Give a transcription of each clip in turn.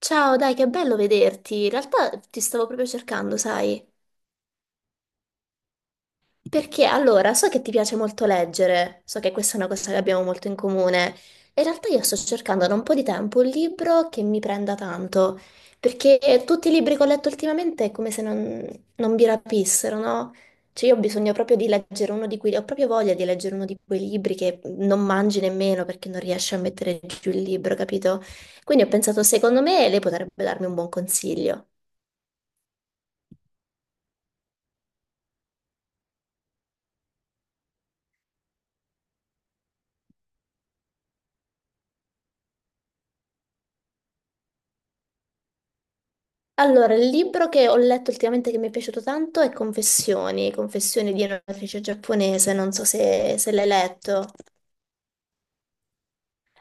Ciao, dai, che bello vederti. In realtà ti stavo proprio cercando, sai? Perché allora, so che ti piace molto leggere, so che questa è una cosa che abbiamo molto in comune. In realtà io sto cercando da un po' di tempo un libro che mi prenda tanto, perché tutti i libri che ho letto ultimamente è come se non mi rapissero, no? Cioè io ho bisogno proprio di leggere ho proprio voglia di leggere uno di quei libri che non mangi nemmeno perché non riesci a mettere giù il libro, capito? Quindi ho pensato, secondo me lei potrebbe darmi un buon consiglio. Allora, il libro che ho letto ultimamente che mi è piaciuto tanto è Confessioni, Confessioni di un'autrice giapponese, non so se l'hai letto.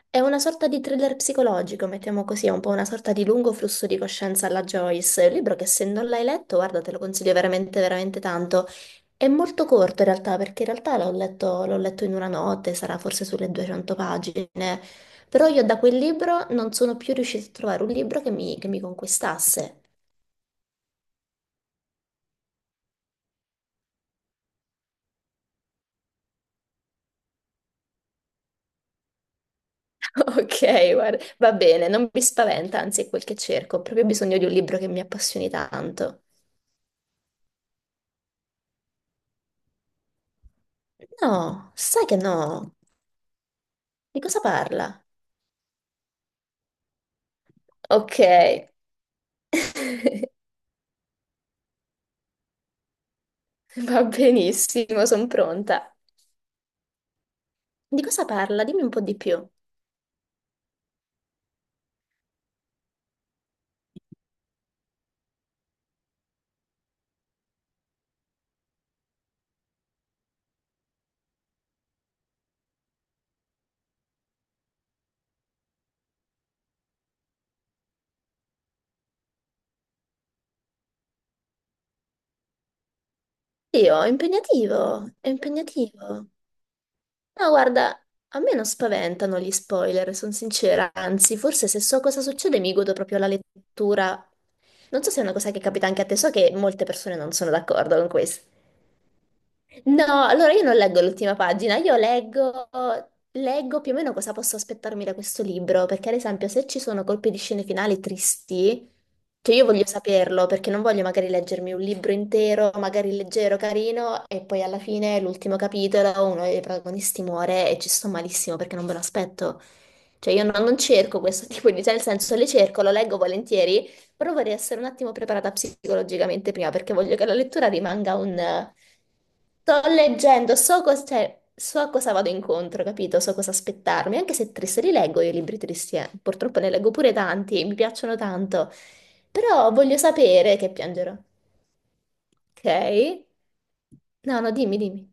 È una sorta di thriller psicologico, mettiamo così, è un po' una sorta di lungo flusso di coscienza alla Joyce. È un libro che se non l'hai letto, guarda, te lo consiglio veramente, veramente tanto. È molto corto in realtà, perché in realtà l'ho letto in una notte, sarà forse sulle 200 pagine. Però io da quel libro non sono più riuscita a trovare un libro che mi conquistasse. Ok, guarda, va bene, non mi spaventa, anzi è quel che cerco, ho proprio bisogno di un libro che mi appassioni tanto. No, sai che no. Di cosa parla? Ok, va benissimo, sono pronta. Di cosa parla? Dimmi un po' di più. Io, è impegnativo, è impegnativo. No, guarda, a me non spaventano gli spoiler, sono sincera, anzi, forse se so cosa succede mi godo proprio la lettura. Non so se è una cosa che capita anche a te, so che molte persone non sono d'accordo con questo. No, allora io non leggo l'ultima pagina, io leggo più o meno cosa posso aspettarmi da questo libro, perché ad esempio se ci sono colpi di scene finali tristi, cioè io voglio saperlo, perché non voglio magari leggermi un libro intero, magari leggero, carino, e poi alla fine l'ultimo capitolo, uno dei protagonisti muore e ci sto malissimo perché non ve lo aspetto. Cioè io non cerco questo tipo di, cioè nel senso le cerco, lo leggo volentieri, però vorrei essere un attimo preparata psicologicamente prima perché voglio che la lettura rimanga un. Sto leggendo, cioè, so a cosa vado incontro, capito? So cosa aspettarmi, anche se triste li leggo io i libri tristi, eh. Purtroppo ne leggo pure tanti e mi piacciono tanto, però voglio sapere che piangerò, ok? No, no, dimmi, dimmi.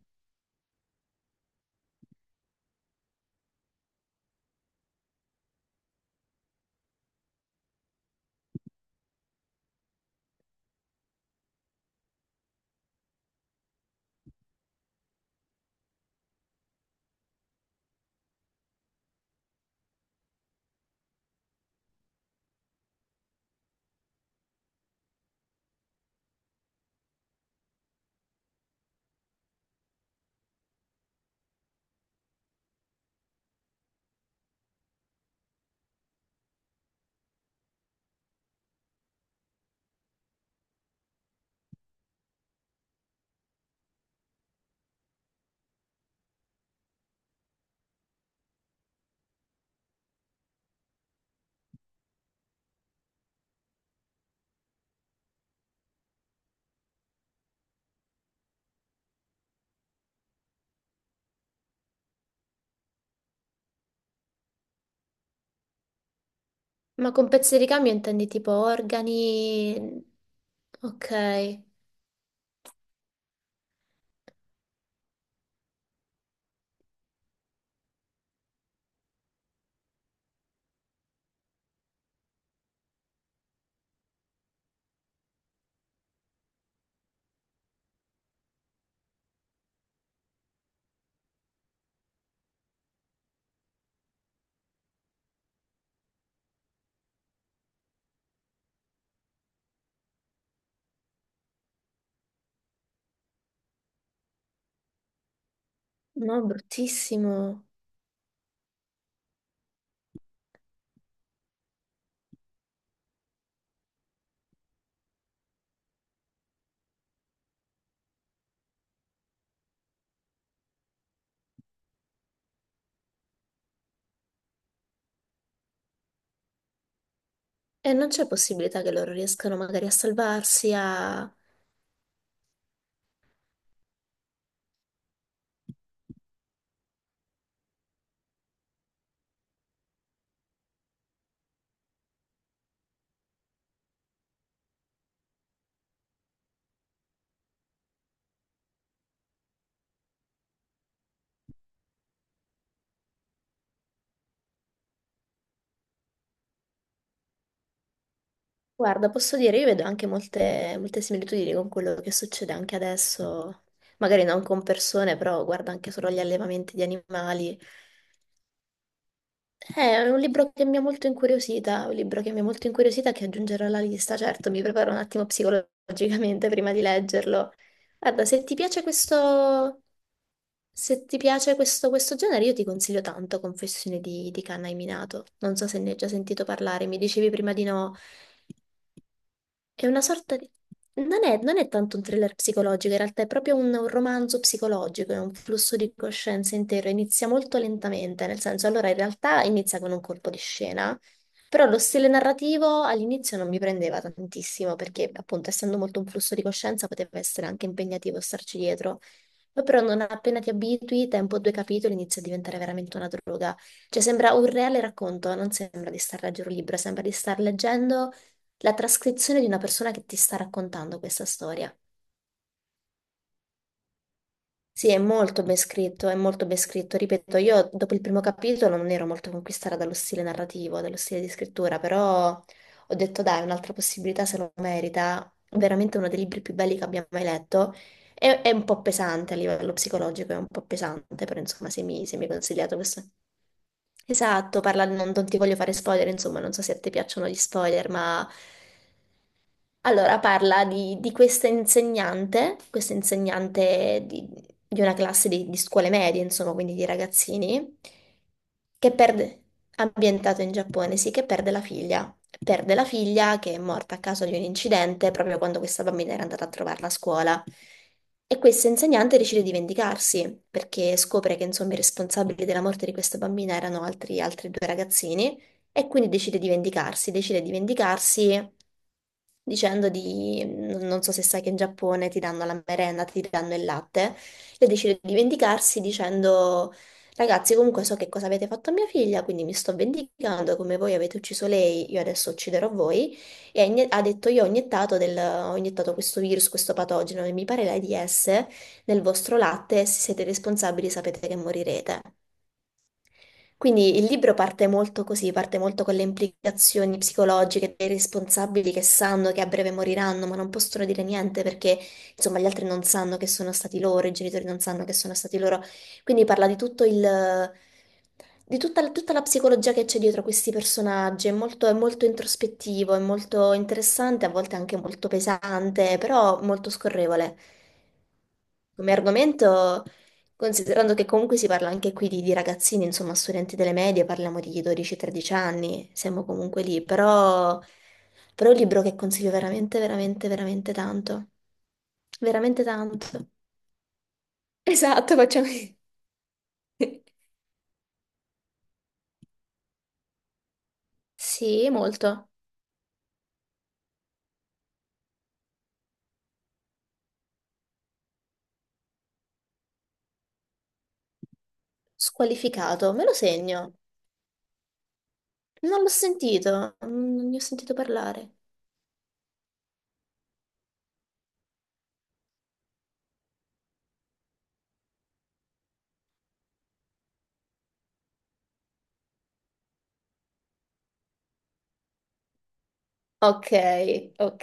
Ma con pezzi di ricambio intendi tipo organi. Ok. No, bruttissimo. E non c'è possibilità che loro riescano magari a salvarsi, a. Guarda, posso dire, io vedo anche molte, molte similitudini con quello che succede anche adesso, magari non con persone, però guarda anche solo gli allevamenti di animali. È un libro che mi ha molto incuriosita, un libro che mi ha molto incuriosita che aggiungerò alla lista, certo, mi preparo un attimo psicologicamente prima di leggerlo. Guarda, se ti piace questo, questo genere, io ti consiglio tanto Confessioni di Kanna Minato. Non so se ne hai già sentito parlare, mi dicevi prima di no, è una sorta di. Non è tanto un thriller psicologico, in realtà è proprio un romanzo psicologico, è un flusso di coscienza intero, inizia molto lentamente, nel senso, allora in realtà inizia con un colpo di scena, però lo stile narrativo all'inizio non mi prendeva tantissimo, perché appunto essendo molto un flusso di coscienza poteva essere anche impegnativo starci dietro. Ma però non appena ti abitui, tempo due capitoli inizia a diventare veramente una droga. Cioè sembra un reale racconto, non sembra di star leggendo un libro, sembra di star leggendo la trascrizione di una persona che ti sta raccontando questa storia. Sì, è molto ben scritto, è molto ben scritto. Ripeto, io dopo il primo capitolo non ero molto conquistata dallo stile narrativo, dallo stile di scrittura, però ho detto dai, un'altra possibilità se lo merita. Veramente uno dei libri più belli che abbia mai letto. È un po' pesante a livello psicologico, è un po' pesante, però insomma, se mi hai consigliato questo. Esatto, parla, non ti voglio fare spoiler, insomma, non so se a te piacciono gli spoiler, ma allora, parla di questa insegnante, questa insegnante di una classe di scuole medie, insomma, quindi di ragazzini, che perde, ambientato in Giappone, sì, che perde la figlia. Perde la figlia che è morta a causa di un incidente proprio quando questa bambina era andata a trovarla a scuola. E questa insegnante decide di vendicarsi perché scopre che, insomma, i responsabili della morte di questa bambina erano altri due ragazzini. E quindi decide di vendicarsi dicendo di, non so se sai che in Giappone ti danno la merenda, ti danno il latte, e decide di vendicarsi dicendo, ragazzi, comunque so che cosa avete fatto a mia figlia, quindi mi sto vendicando, come voi avete ucciso lei, io adesso ucciderò voi. E ha detto, io ho iniettato questo virus, questo patogeno, e mi pare l'AIDS, nel vostro latte, e se siete responsabili sapete che morirete. Quindi il libro parte molto così, parte molto con le implicazioni psicologiche dei responsabili che sanno che a breve moriranno, ma non possono dire niente perché, insomma, gli altri non sanno che sono stati loro, i genitori non sanno che sono stati loro. Quindi parla di tutta la psicologia che c'è dietro questi personaggi. È molto introspettivo, è molto interessante, a volte anche molto pesante, però molto scorrevole. Come argomento. Considerando che comunque si parla anche qui di ragazzini, insomma, studenti delle medie, parliamo di 12-13 anni, siamo comunque lì, però è un libro che consiglio veramente, veramente, veramente tanto. Veramente tanto. Esatto, facciamo. Sì, molto. Squalificato, me lo segno. Non l'ho sentito, non ne ho sentito parlare. Ok, ok.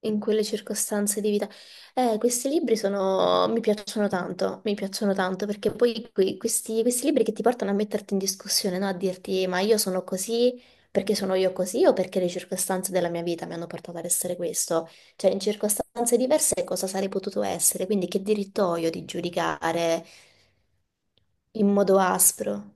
In quelle circostanze di vita. Questi libri sono, mi piacciono tanto perché poi questi libri che ti portano a metterti in discussione, no? A dirti ma io sono così perché sono io così o perché le circostanze della mia vita mi hanno portato ad essere questo. Cioè in circostanze diverse cosa sarei potuto essere, quindi che diritto ho io di giudicare in modo aspro?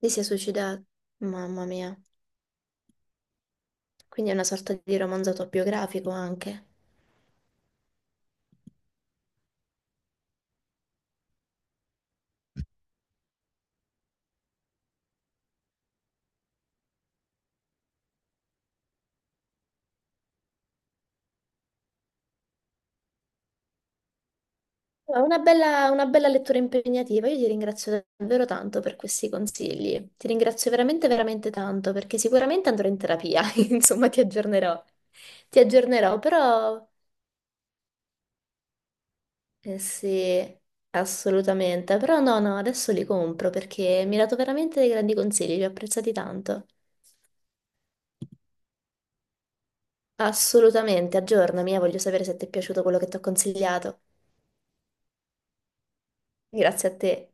Lei si è suicidato, mamma mia. Quindi è una sorta di romanzo autobiografico anche. No, una bella, una bella lettura impegnativa. Io ti ringrazio davvero tanto per questi consigli. Ti ringrazio veramente, veramente tanto perché sicuramente andrò in terapia. Insomma, ti aggiornerò. Ti aggiornerò, però eh sì, assolutamente. Però no, no, adesso li compro perché mi hai dato veramente dei grandi consigli, li ho apprezzati tanto. Assolutamente, aggiornami, voglio sapere se ti è piaciuto quello che ti ho consigliato. Grazie a te.